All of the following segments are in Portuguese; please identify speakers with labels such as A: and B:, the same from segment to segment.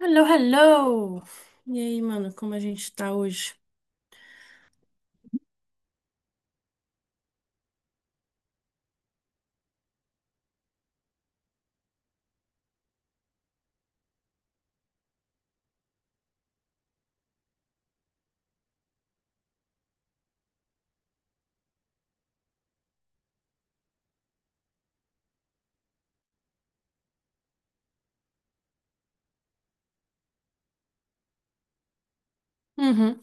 A: Hello, hello! E aí, mano, como a gente tá hoje? Uhum.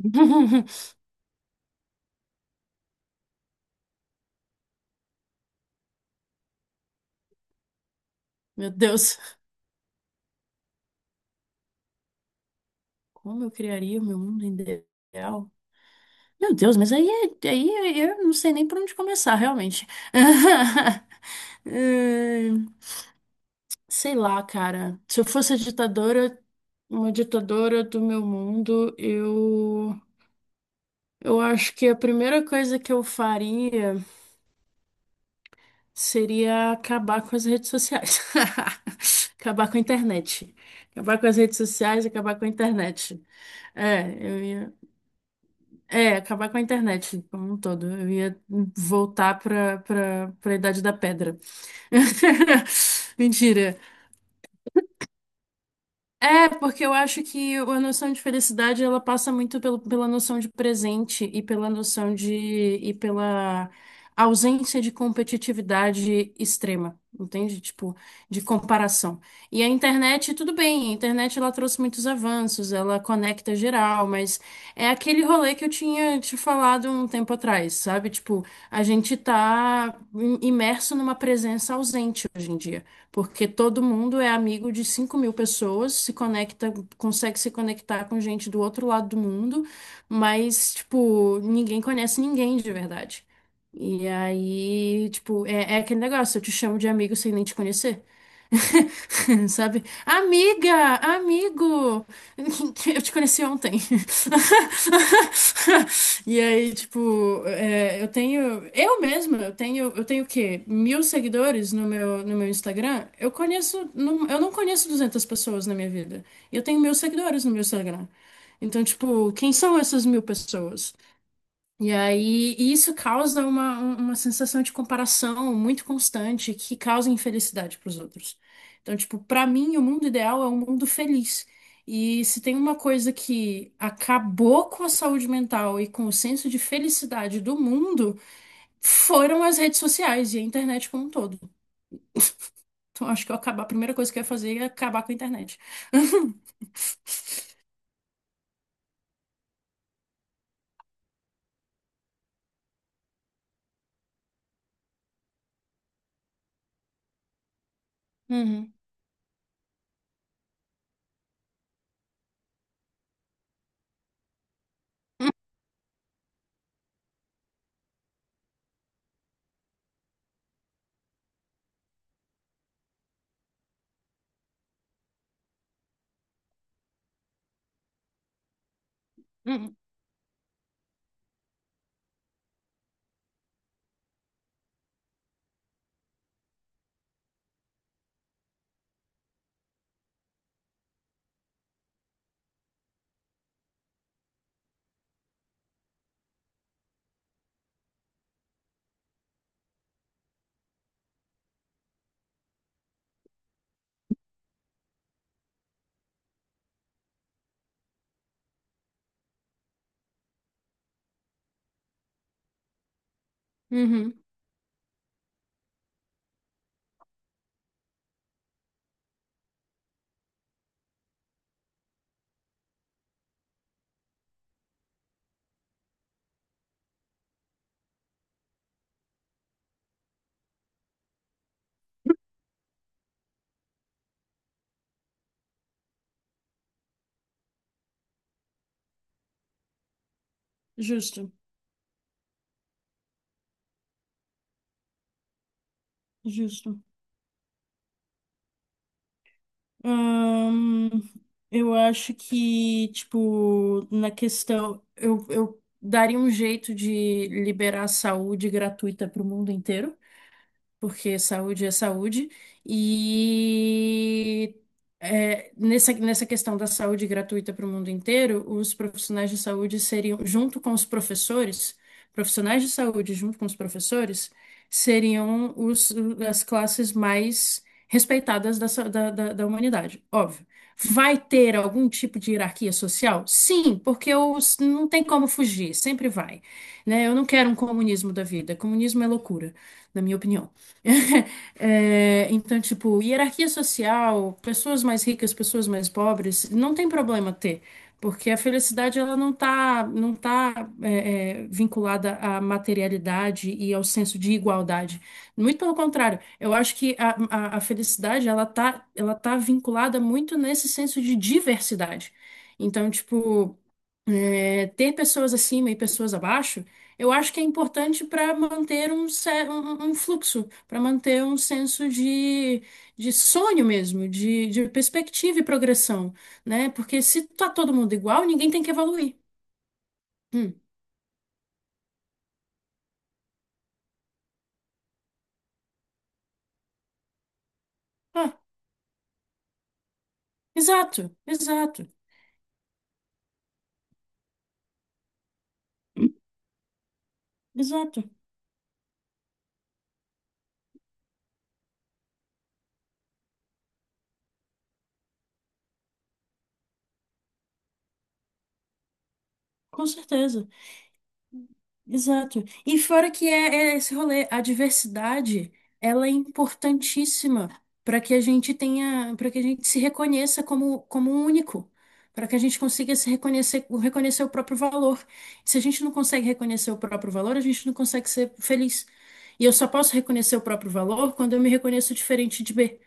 A: Meu Deus, como eu criaria o meu mundo ideal? Meu Deus, mas aí, eu não sei nem por onde começar, realmente. Hum, Sei lá, cara. Se eu fosse a ditadora, uma ditadora do meu mundo, eu acho que a primeira coisa que eu faria. Seria acabar com as redes sociais. Acabar com a internet. Acabar com as redes sociais, acabar com a internet. É, eu ia. É, acabar com a internet como um todo. Eu ia voltar para a Idade da Pedra. Mentira. É, porque eu acho que a noção de felicidade ela passa muito pela noção de presente e pela ausência de competitividade extrema, entende? Tipo, de comparação. E a internet, tudo bem, a internet ela trouxe muitos avanços, ela conecta geral, mas é aquele rolê que eu tinha te falado um tempo atrás, sabe? Tipo, a gente tá imerso numa presença ausente hoje em dia porque todo mundo é amigo de 5.000 pessoas, se conecta, consegue se conectar com gente do outro lado do mundo, mas, tipo, ninguém conhece ninguém de verdade. E aí, tipo, é aquele negócio, eu te chamo de amigo sem nem te conhecer. Sabe? Amiga, amigo, eu te conheci ontem. E aí, tipo, eu tenho, eu mesma, eu tenho o quê? 1.000 seguidores no meu Instagram. Eu não conheço 200 pessoas na minha vida. E eu tenho 1.000 seguidores no meu Instagram. Então, tipo, quem são essas 1.000 pessoas? E aí, e isso causa uma sensação de comparação muito constante que causa infelicidade para os outros. Então, tipo, para mim, o mundo ideal é um mundo feliz. E se tem uma coisa que acabou com a saúde mental e com o senso de felicidade do mundo, foram as redes sociais e a internet como um todo. Então, acho que eu acabar, a primeira coisa que eu ia fazer é acabar com a internet. Uhum, uhum, uhum. Justo, justo. Ahn, eu acho que, tipo, na questão, eu, daria um jeito de liberar a saúde gratuita para o mundo inteiro porque saúde é saúde. E nessa questão da saúde gratuita para o mundo inteiro, os profissionais de saúde seriam, junto com os professores, profissionais de saúde junto com os professores, seriam as classes mais respeitadas da, sa- da, da da humanidade, óbvio. Vai ter algum tipo de hierarquia social? Sim, porque não tem como fugir, sempre vai, né? Eu não quero um comunismo da vida, comunismo é loucura, na minha opinião. É, então, tipo, hierarquia social, pessoas mais ricas, pessoas mais pobres, não tem problema ter, porque a felicidade ela não tá vinculada à materialidade e ao senso de igualdade. Muito pelo contrário, eu acho que a felicidade ela tá vinculada muito nesse senso de diversidade. Então, tipo, é, ter pessoas acima e pessoas abaixo, eu acho que é importante para manter um fluxo, para manter um senso de sonho mesmo, de perspectiva e progressão, né? Porque se tá todo mundo igual, ninguém tem que evoluir. Hum. Ah, exato, exato, exato, com certeza. Exato. E fora que é esse rolê, a diversidade, ela é importantíssima para que a gente tenha, para que a gente se reconheça como um único, para que a gente consiga se reconhecer, reconhecer o próprio valor. Se a gente não consegue reconhecer o próprio valor, a gente não consegue ser feliz. E eu só posso reconhecer o próprio valor quando eu me reconheço diferente de B.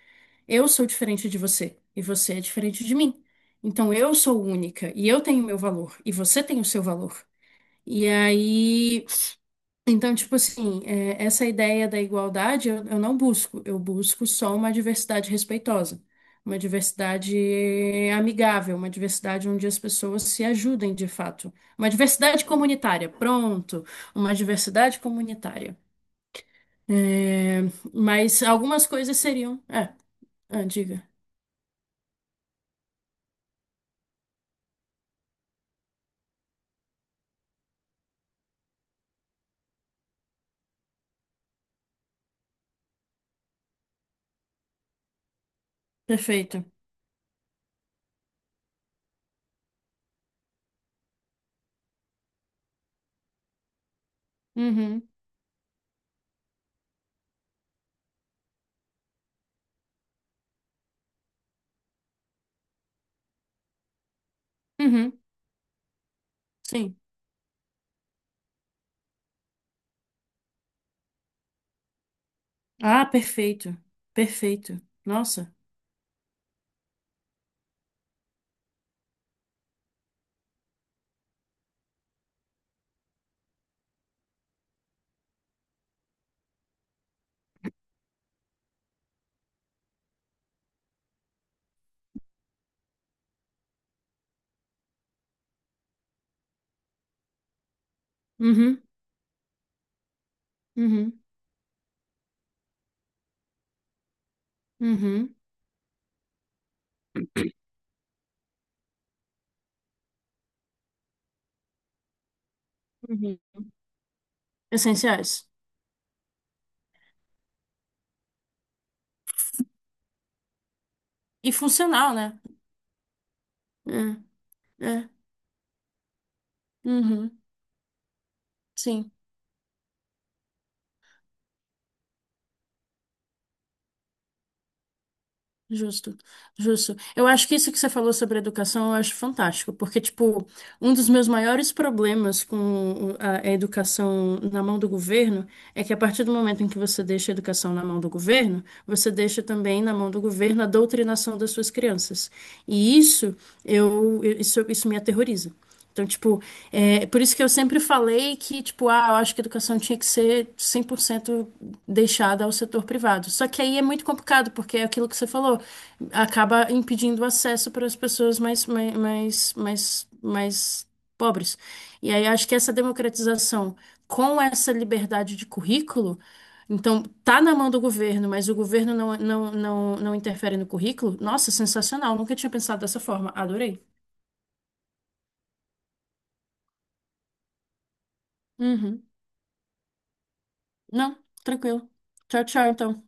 A: Eu sou diferente de você e você é diferente de mim. Então eu sou única e eu tenho meu valor e você tem o seu valor. E aí então, tipo assim, é, essa ideia da igualdade eu não busco, eu busco só uma diversidade respeitosa, uma diversidade amigável, uma diversidade onde as pessoas se ajudem de fato, uma diversidade comunitária, pronto, uma diversidade comunitária. É, mas algumas coisas seriam. É, ah, diga. Perfeito. Uhum, uhum, sim. Ah, perfeito, perfeito. Nossa. Uhum, uhum, uhum, uhum. Essenciais. E funcional, né? É, é. Uhum. Sim, justo, justo. Eu acho que isso que você falou sobre educação eu acho fantástico, porque, tipo, um dos meus maiores problemas com a educação na mão do governo é que a partir do momento em que você deixa a educação na mão do governo, você deixa também na mão do governo a doutrinação das suas crianças. E isso, eu, isso me aterroriza. Então, tipo, é por isso que eu sempre falei que, tipo, ah, eu acho que a educação tinha que ser 100% deixada ao setor privado. Só que aí é muito complicado, porque é aquilo que você falou, acaba impedindo o acesso para as pessoas mais pobres. E aí acho que essa democratização com essa liberdade de currículo, então, tá na mão do governo, mas o governo não interfere no currículo, nossa, sensacional, nunca tinha pensado dessa forma, adorei. Uhum. Não, tranquilo. Tchau, tchau, então.